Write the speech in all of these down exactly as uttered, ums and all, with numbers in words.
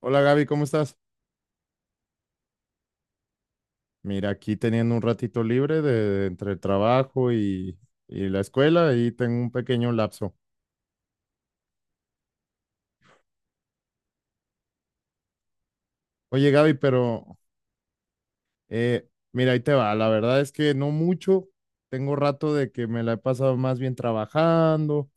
Hola Gaby, ¿cómo estás? Mira, aquí teniendo un ratito libre de, de entre el trabajo y, y la escuela y tengo un pequeño lapso. Oye Gaby, pero eh, mira, ahí te va. La verdad es que no mucho. Tengo rato de que me la he pasado más bien trabajando,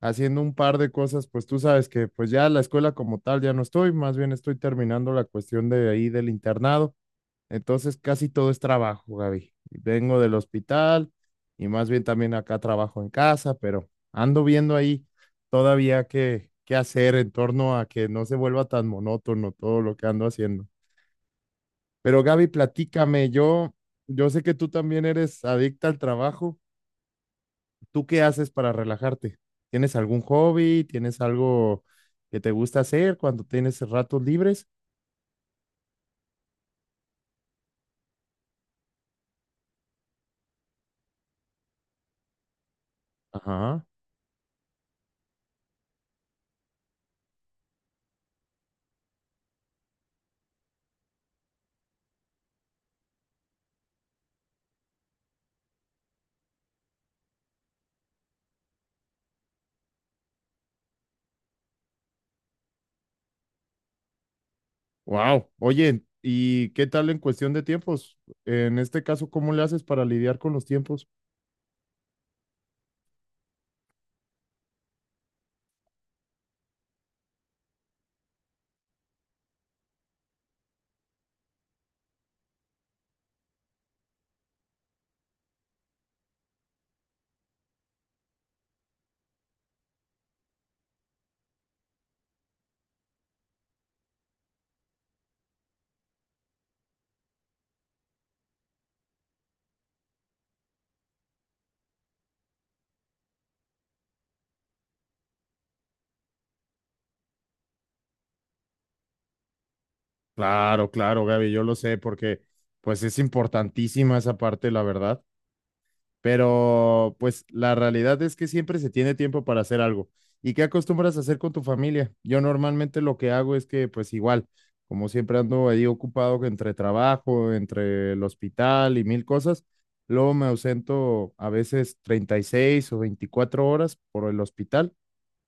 haciendo un par de cosas. Pues tú sabes que pues ya la escuela como tal ya no estoy, más bien estoy terminando la cuestión de ahí del internado. Entonces casi todo es trabajo, Gaby. Vengo del hospital y más bien también acá trabajo en casa, pero ando viendo ahí todavía qué, qué hacer en torno a que no se vuelva tan monótono todo lo que ando haciendo. Pero Gaby, platícame, yo, yo sé que tú también eres adicta al trabajo. ¿Tú qué haces para relajarte? ¿Tienes algún hobby? ¿Tienes algo que te gusta hacer cuando tienes ratos libres? Ajá. Wow. Oye, ¿y qué tal en cuestión de tiempos? En este caso, ¿cómo le haces para lidiar con los tiempos? Claro, claro, Gaby, yo lo sé, porque pues es importantísima esa parte, la verdad. Pero pues la realidad es que siempre se tiene tiempo para hacer algo. ¿Y qué acostumbras a hacer con tu familia? Yo normalmente lo que hago es que pues igual, como siempre ando ahí ocupado entre trabajo, entre el hospital y mil cosas, luego me ausento a veces treinta y seis o veinticuatro horas por el hospital,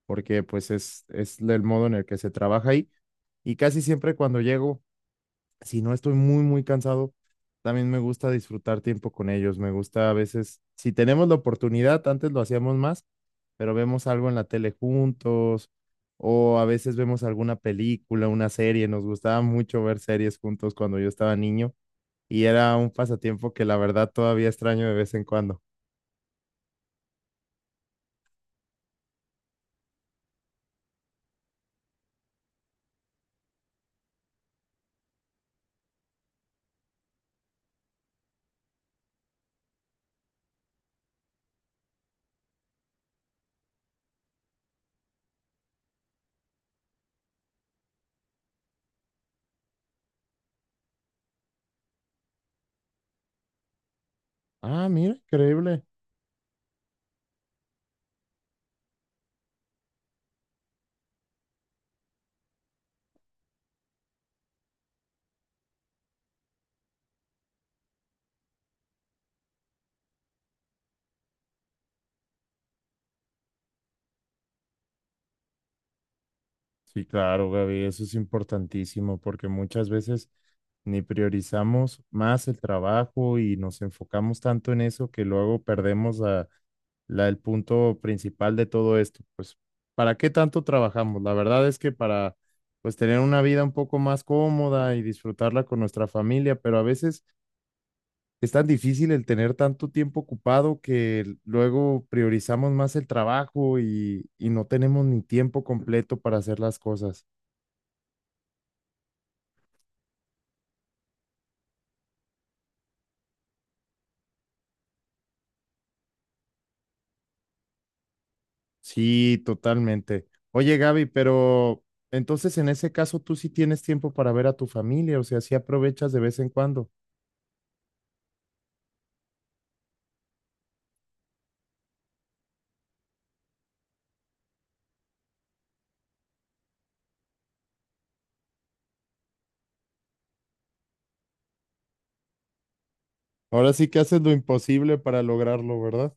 porque pues es, es el modo en el que se trabaja ahí. Y casi siempre cuando llego si no estoy muy, muy cansado, también me gusta disfrutar tiempo con ellos. Me gusta a veces, si tenemos la oportunidad, antes lo hacíamos más, pero vemos algo en la tele juntos o a veces vemos alguna película, una serie. Nos gustaba mucho ver series juntos cuando yo estaba niño y era un pasatiempo que la verdad todavía extraño de vez en cuando. Ah, mira, increíble. Sí, claro, Gaby, eso es importantísimo porque muchas veces ni priorizamos más el trabajo y nos enfocamos tanto en eso que luego perdemos a la, el punto principal de todo esto. Pues, ¿para qué tanto trabajamos? La verdad es que para, pues, tener una vida un poco más cómoda y disfrutarla con nuestra familia, pero a veces es tan difícil el tener tanto tiempo ocupado que luego priorizamos más el trabajo y, y no tenemos ni tiempo completo para hacer las cosas. Sí, totalmente. Oye, Gaby, pero entonces en ese caso tú sí tienes tiempo para ver a tu familia, o sea, sí aprovechas de vez en cuando. Ahora sí que haces lo imposible para lograrlo, ¿verdad?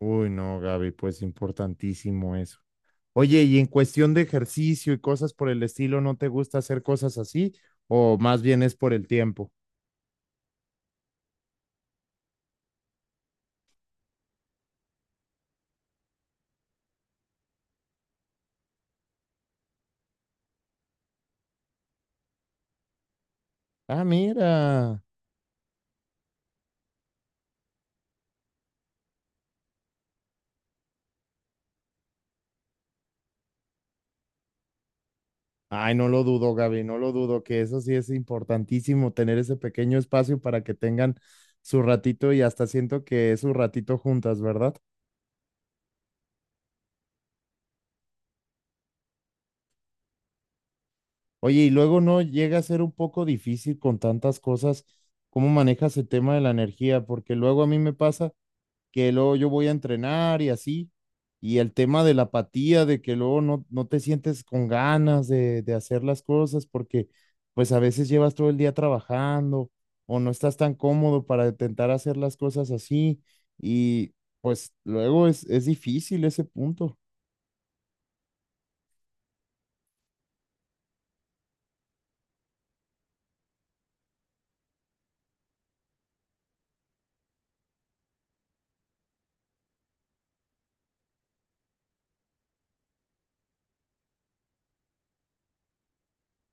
Uy, no, Gaby, pues importantísimo eso. Oye, y en cuestión de ejercicio y cosas por el estilo, ¿no te gusta hacer cosas así? ¿O más bien es por el tiempo? Ah, mira. Ay, no lo dudo, Gaby, no lo dudo, que eso sí es importantísimo, tener ese pequeño espacio para que tengan su ratito y hasta siento que es su ratito juntas, ¿verdad? Oye, y luego no llega a ser un poco difícil con tantas cosas, ¿cómo manejas el tema de la energía? Porque luego a mí me pasa que luego yo voy a entrenar y así. Y el tema de la apatía, de que luego no, no te sientes con ganas de, de hacer las cosas porque pues a veces llevas todo el día trabajando o no estás tan cómodo para intentar hacer las cosas así. Y pues luego es, es difícil ese punto,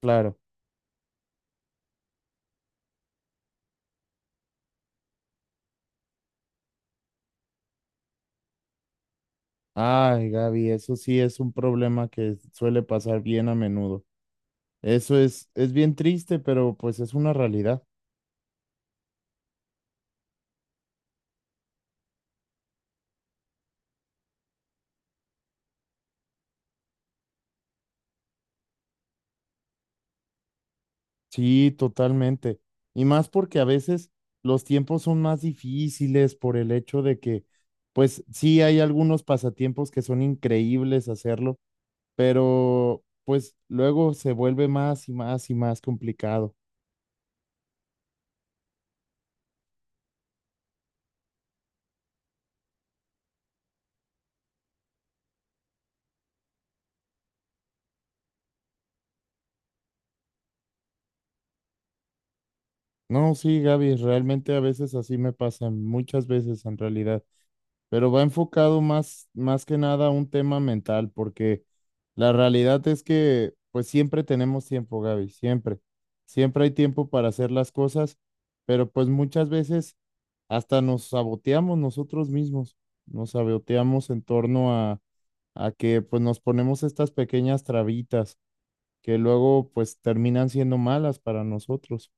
claro. Ay, Gaby, eso sí es un problema que suele pasar bien a menudo. Eso es, es bien triste, pero pues es una realidad. Sí, totalmente. Y más porque a veces los tiempos son más difíciles por el hecho de que, pues sí, hay algunos pasatiempos que son increíbles hacerlo, pero pues luego se vuelve más y más y más complicado. No, sí, Gaby, realmente a veces así me pasa, muchas veces en realidad. Pero va enfocado más, más que nada a un tema mental, porque la realidad es que pues siempre tenemos tiempo, Gaby, siempre. Siempre hay tiempo para hacer las cosas, pero pues muchas veces hasta nos saboteamos nosotros mismos, nos saboteamos en torno a, a que pues nos ponemos estas pequeñas trabitas que luego pues terminan siendo malas para nosotros.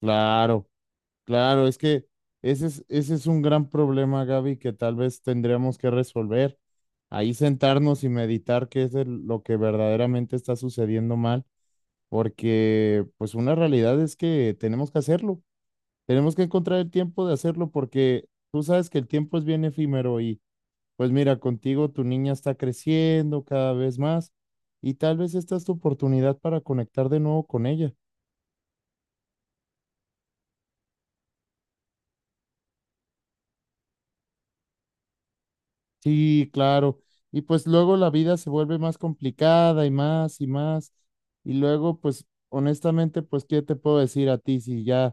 Claro. Claro, es que ese es, ese es un gran problema, Gaby, que tal vez tendríamos que resolver. Ahí sentarnos y meditar qué es el- lo que verdaderamente está sucediendo mal, porque pues una realidad es que tenemos que hacerlo. Tenemos que encontrar el tiempo de hacerlo porque tú sabes que el tiempo es bien efímero y pues mira, contigo tu niña está creciendo cada vez más y tal vez esta es tu oportunidad para conectar de nuevo con ella. Sí, claro. Y pues luego la vida se vuelve más complicada y más y más. Y luego, pues honestamente, pues, ¿qué te puedo decir a ti si ya,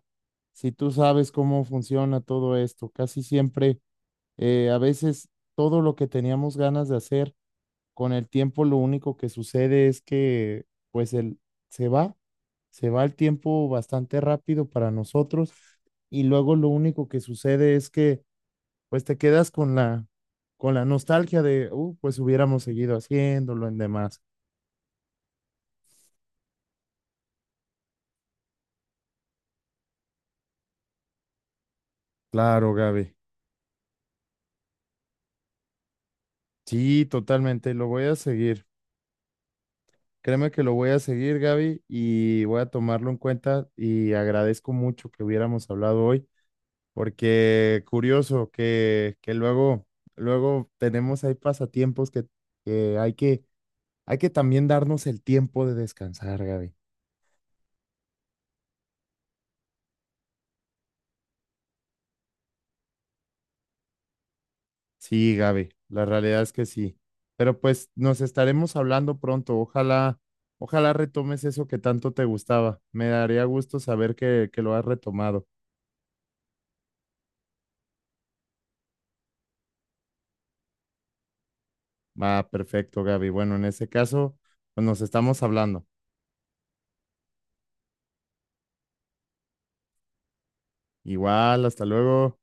si tú sabes cómo funciona todo esto? Casi siempre, eh, a veces todo lo que teníamos ganas de hacer, con el tiempo lo único que sucede es que, pues, el, se va, se va el tiempo bastante rápido para nosotros. Y luego lo único que sucede es que pues te quedas con la, con la nostalgia de, uh, pues hubiéramos seguido haciéndolo en demás. Claro, Gaby. Sí, totalmente, lo voy a seguir. Créeme que lo voy a seguir, Gaby, y voy a tomarlo en cuenta y agradezco mucho que hubiéramos hablado hoy, porque curioso que, que luego, luego tenemos ahí pasatiempos que, que hay que, hay que también darnos el tiempo de descansar, Gaby. Sí, Gaby, la realidad es que sí. Pero pues nos estaremos hablando pronto. Ojalá, ojalá retomes eso que tanto te gustaba. Me daría gusto saber que, que lo has retomado. Va, perfecto, Gaby. Bueno, en ese caso, pues nos estamos hablando. Igual, hasta luego.